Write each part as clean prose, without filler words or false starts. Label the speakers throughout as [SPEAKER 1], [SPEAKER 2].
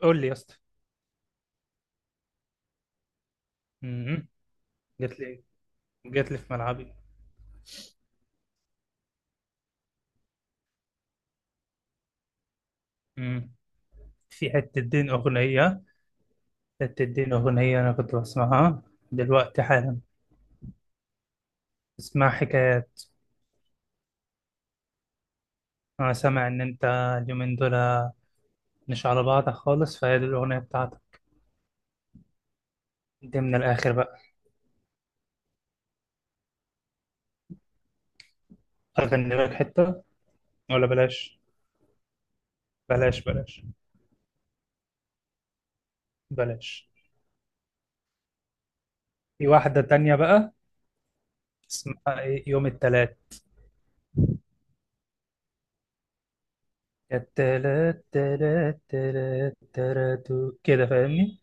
[SPEAKER 1] قول لي يا اسطى. مهم. جات لي جات لي في ملعبي. مم. في حتة دين أغنية أنا كنت بسمعها دلوقتي حالا. اسمها حكايات. أنا سامع إن أنت اليومين دول مش على بعضك خالص، فهي دي الأغنية بتاعتك. دي من الآخر بقى. أغني لك حتة ولا بلاش؟ بلاش، بلاش، بلاش. في واحدة تانية بقى اسمها إيه، يوم التلات. يا التلات تلات تلات تلات، كده فاهمني؟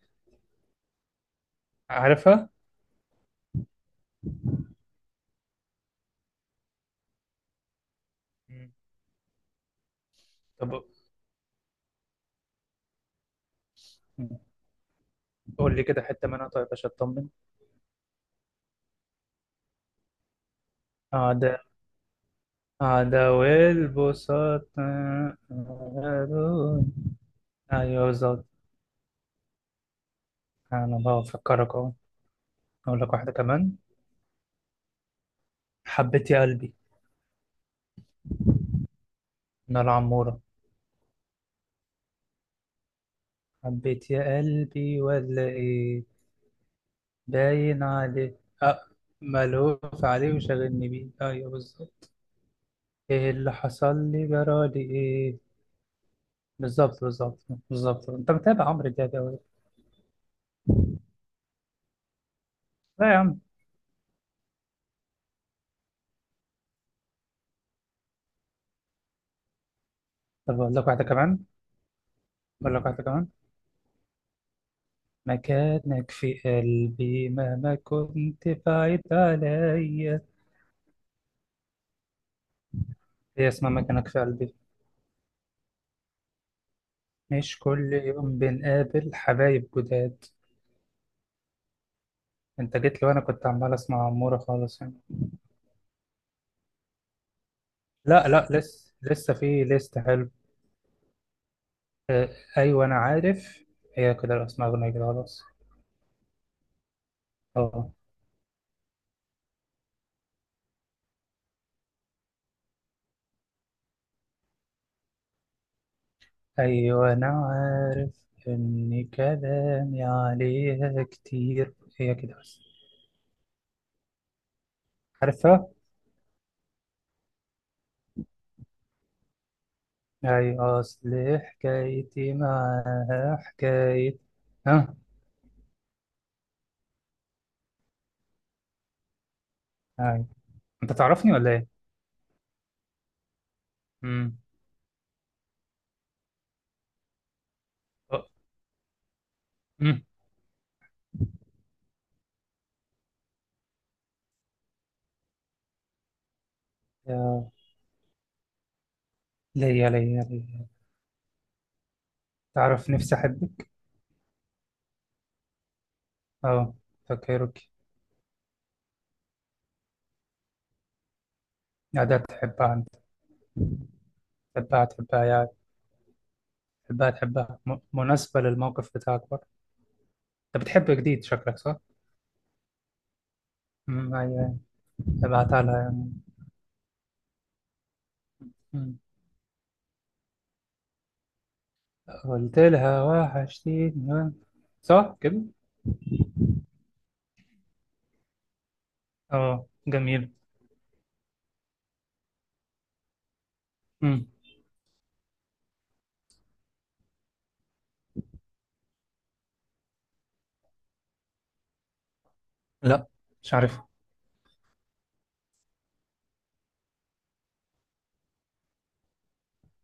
[SPEAKER 1] عارفها؟ مم. طب قول لي كده حتة منها طيب عشان أطمن. أعداء، أعداء والبساط. أيوه بالظبط. أنا بفكرك أهو. أقول لك واحدة كمان. حبيت يا قلبي، من العمورة. حبيت يا قلبي ولا إيه؟ باين عليه، أه. ملهوف عليه وشاغلني بيه، أيوه بالظبط. إيه اللي حصل لي، جرالي إيه. بالظبط، بالظبط، بالظبط، أنت متابع عمرو دياب أوي. لا يا عم. طب أقول لك واحدة كمان أقول لك واحدة كمان. مكانك في قلبي مهما كنت بعيد عليا. هي اسمها مكانك في قلبي. مش كل يوم بنقابل حبايب جداد. انت جيت لي وانا كنت عمال اسمع عمورة خالص يعني. لا لا، لسه لسه في ليست حلو. اه، ايوه انا عارف. هي كده الاسماء، اغنية كده خلاص. اه، ايوه انا عارف ان كلامي عليها كتير. هي كده بس. عارفها. أي أصل حكايتي معاها حكاية. ها. أي. أنت تعرفني ولا إيه؟ أمم. أه، أمم. يا ليا ليا ليا، تعرف نفسي أحبك؟ أه، فكرك. يا ده تحبها أنت. تحبها تحبها يا، تحبها تحبها، مناسبة للموقف بتاعك برضه. أنت بتحب جديد، شكلك صح؟ أمم، أيوه. ابعتها لها يعني. أمم. قلت لها وحشتيني، صح كده؟ أه جميل. أمم. لا. مش عارف.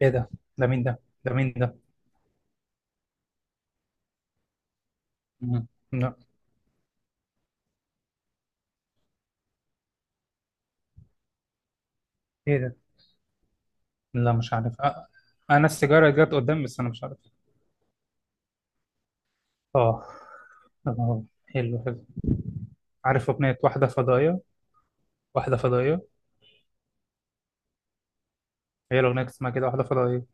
[SPEAKER 1] ايه ده؟ ده مين ده؟ ده مين ده؟ مم. لا. ايه ده؟ لا مش عارف، انا السيجاره جت قدام بس انا مش عارف. اه. اه، حلو حلو. عارف اغنيه واحده فضائيه. واحده فضائيه. هي الاغنيه اللي اسمها كده واحده فضائيه.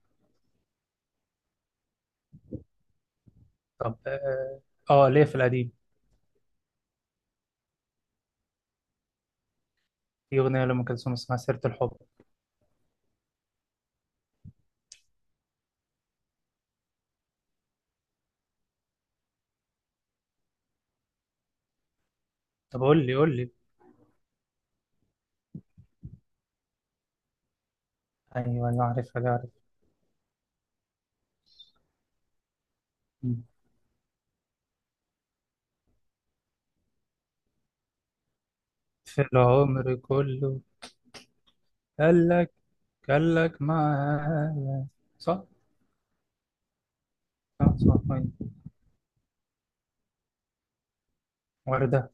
[SPEAKER 1] طب اه. ليه، في القديم. في اغنيه لام كلثوم اسمها سيره الحب. طب قول لي. ايوه انا عارفها دي، عارف. مم. في العمر كله. قال لك قال لك معايا. صح. صح، صح، أيوة. وردة.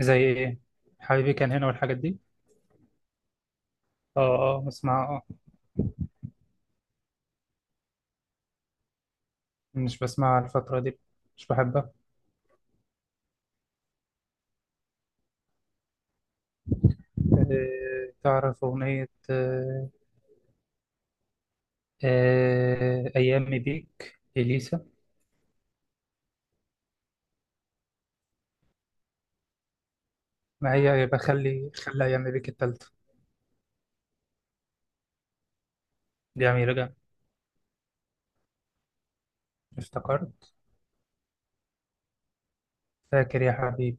[SPEAKER 1] زي ايه؟ حبيبي كان هنا والحاجات دي. اه. اه بسمع، اه. مش بسمع الفترة دي. مش بحبها. تعرف أغنية، أيامي بيك إليسا. ما هي بخلي، خلي خلي أيامي بيك التالتة. دي أميرة جمال. افتكرت. فاكر يا حبيبي.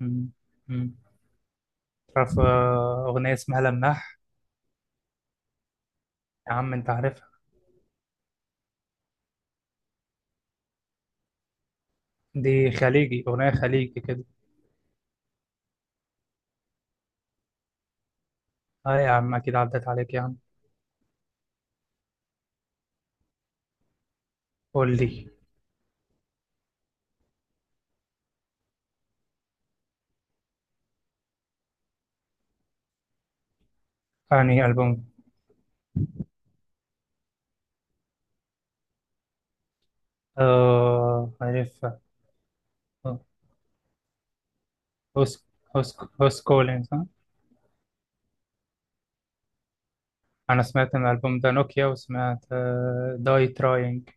[SPEAKER 1] مم، مم. تعرف أغنية اسمها لماح. يا عم أنت عارفها. دي خليجي، أغنية خليجي كده. اه يا عم أكيد عدت عليك يا عم. قول لي. أنهي ألبوم؟ اه عارفها. آه، هوس، هوس كولينز. انا سمعت ان الالبوم ده نوكيا، وسمعت داي تراينج.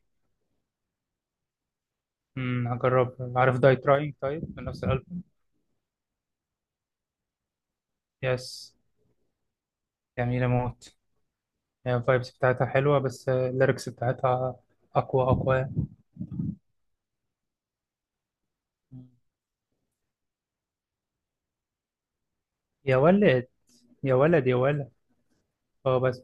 [SPEAKER 1] هجرب. عارف داي تراينج طيب، من نفس الالبوم. يس. جميله موت. هي الفايبس بتاعتها حلوه، بس الليركس بتاعتها اقوى اقوى. مم. يا ولد، يا ولد، يا ولد. اه بس.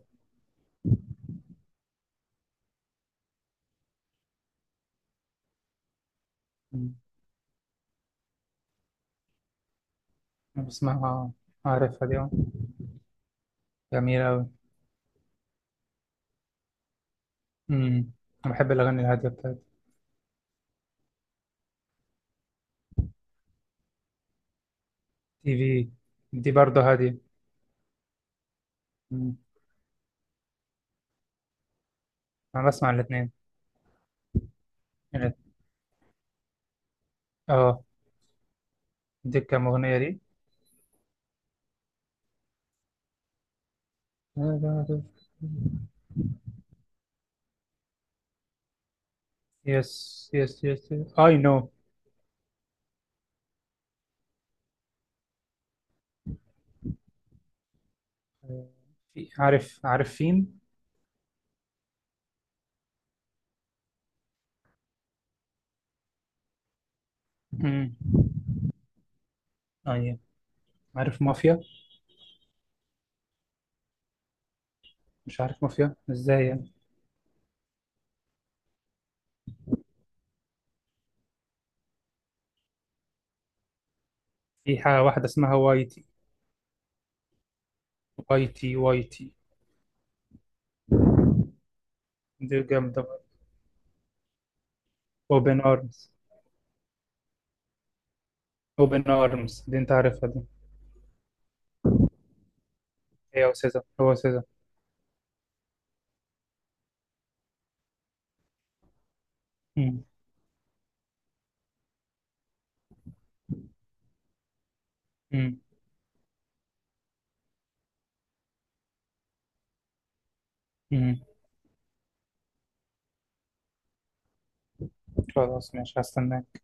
[SPEAKER 1] مم. بسمعها. عارفها دي، آه. جميله قوي. انا بحب الاغاني الهاديه بتاعت. تي في. دي برضه هاديه. مم. انا بسمع الاثنين. اه. دي كام اغنيه؟ دي. يس، يس، يس. اي نو. عارف، عارف فين. امم. اي. عارف مافيا. مش عارف مافيا ازاي يعني. في حاجه واحده اسمها واي تي. واي تي، واي تي. دي جامده. اوبن ارمز. اوبن ارمز دي، انت عارفها دي. هي وسيزا، هو سيزا. امم. امم. امم. خلاص ماشي، هستناك.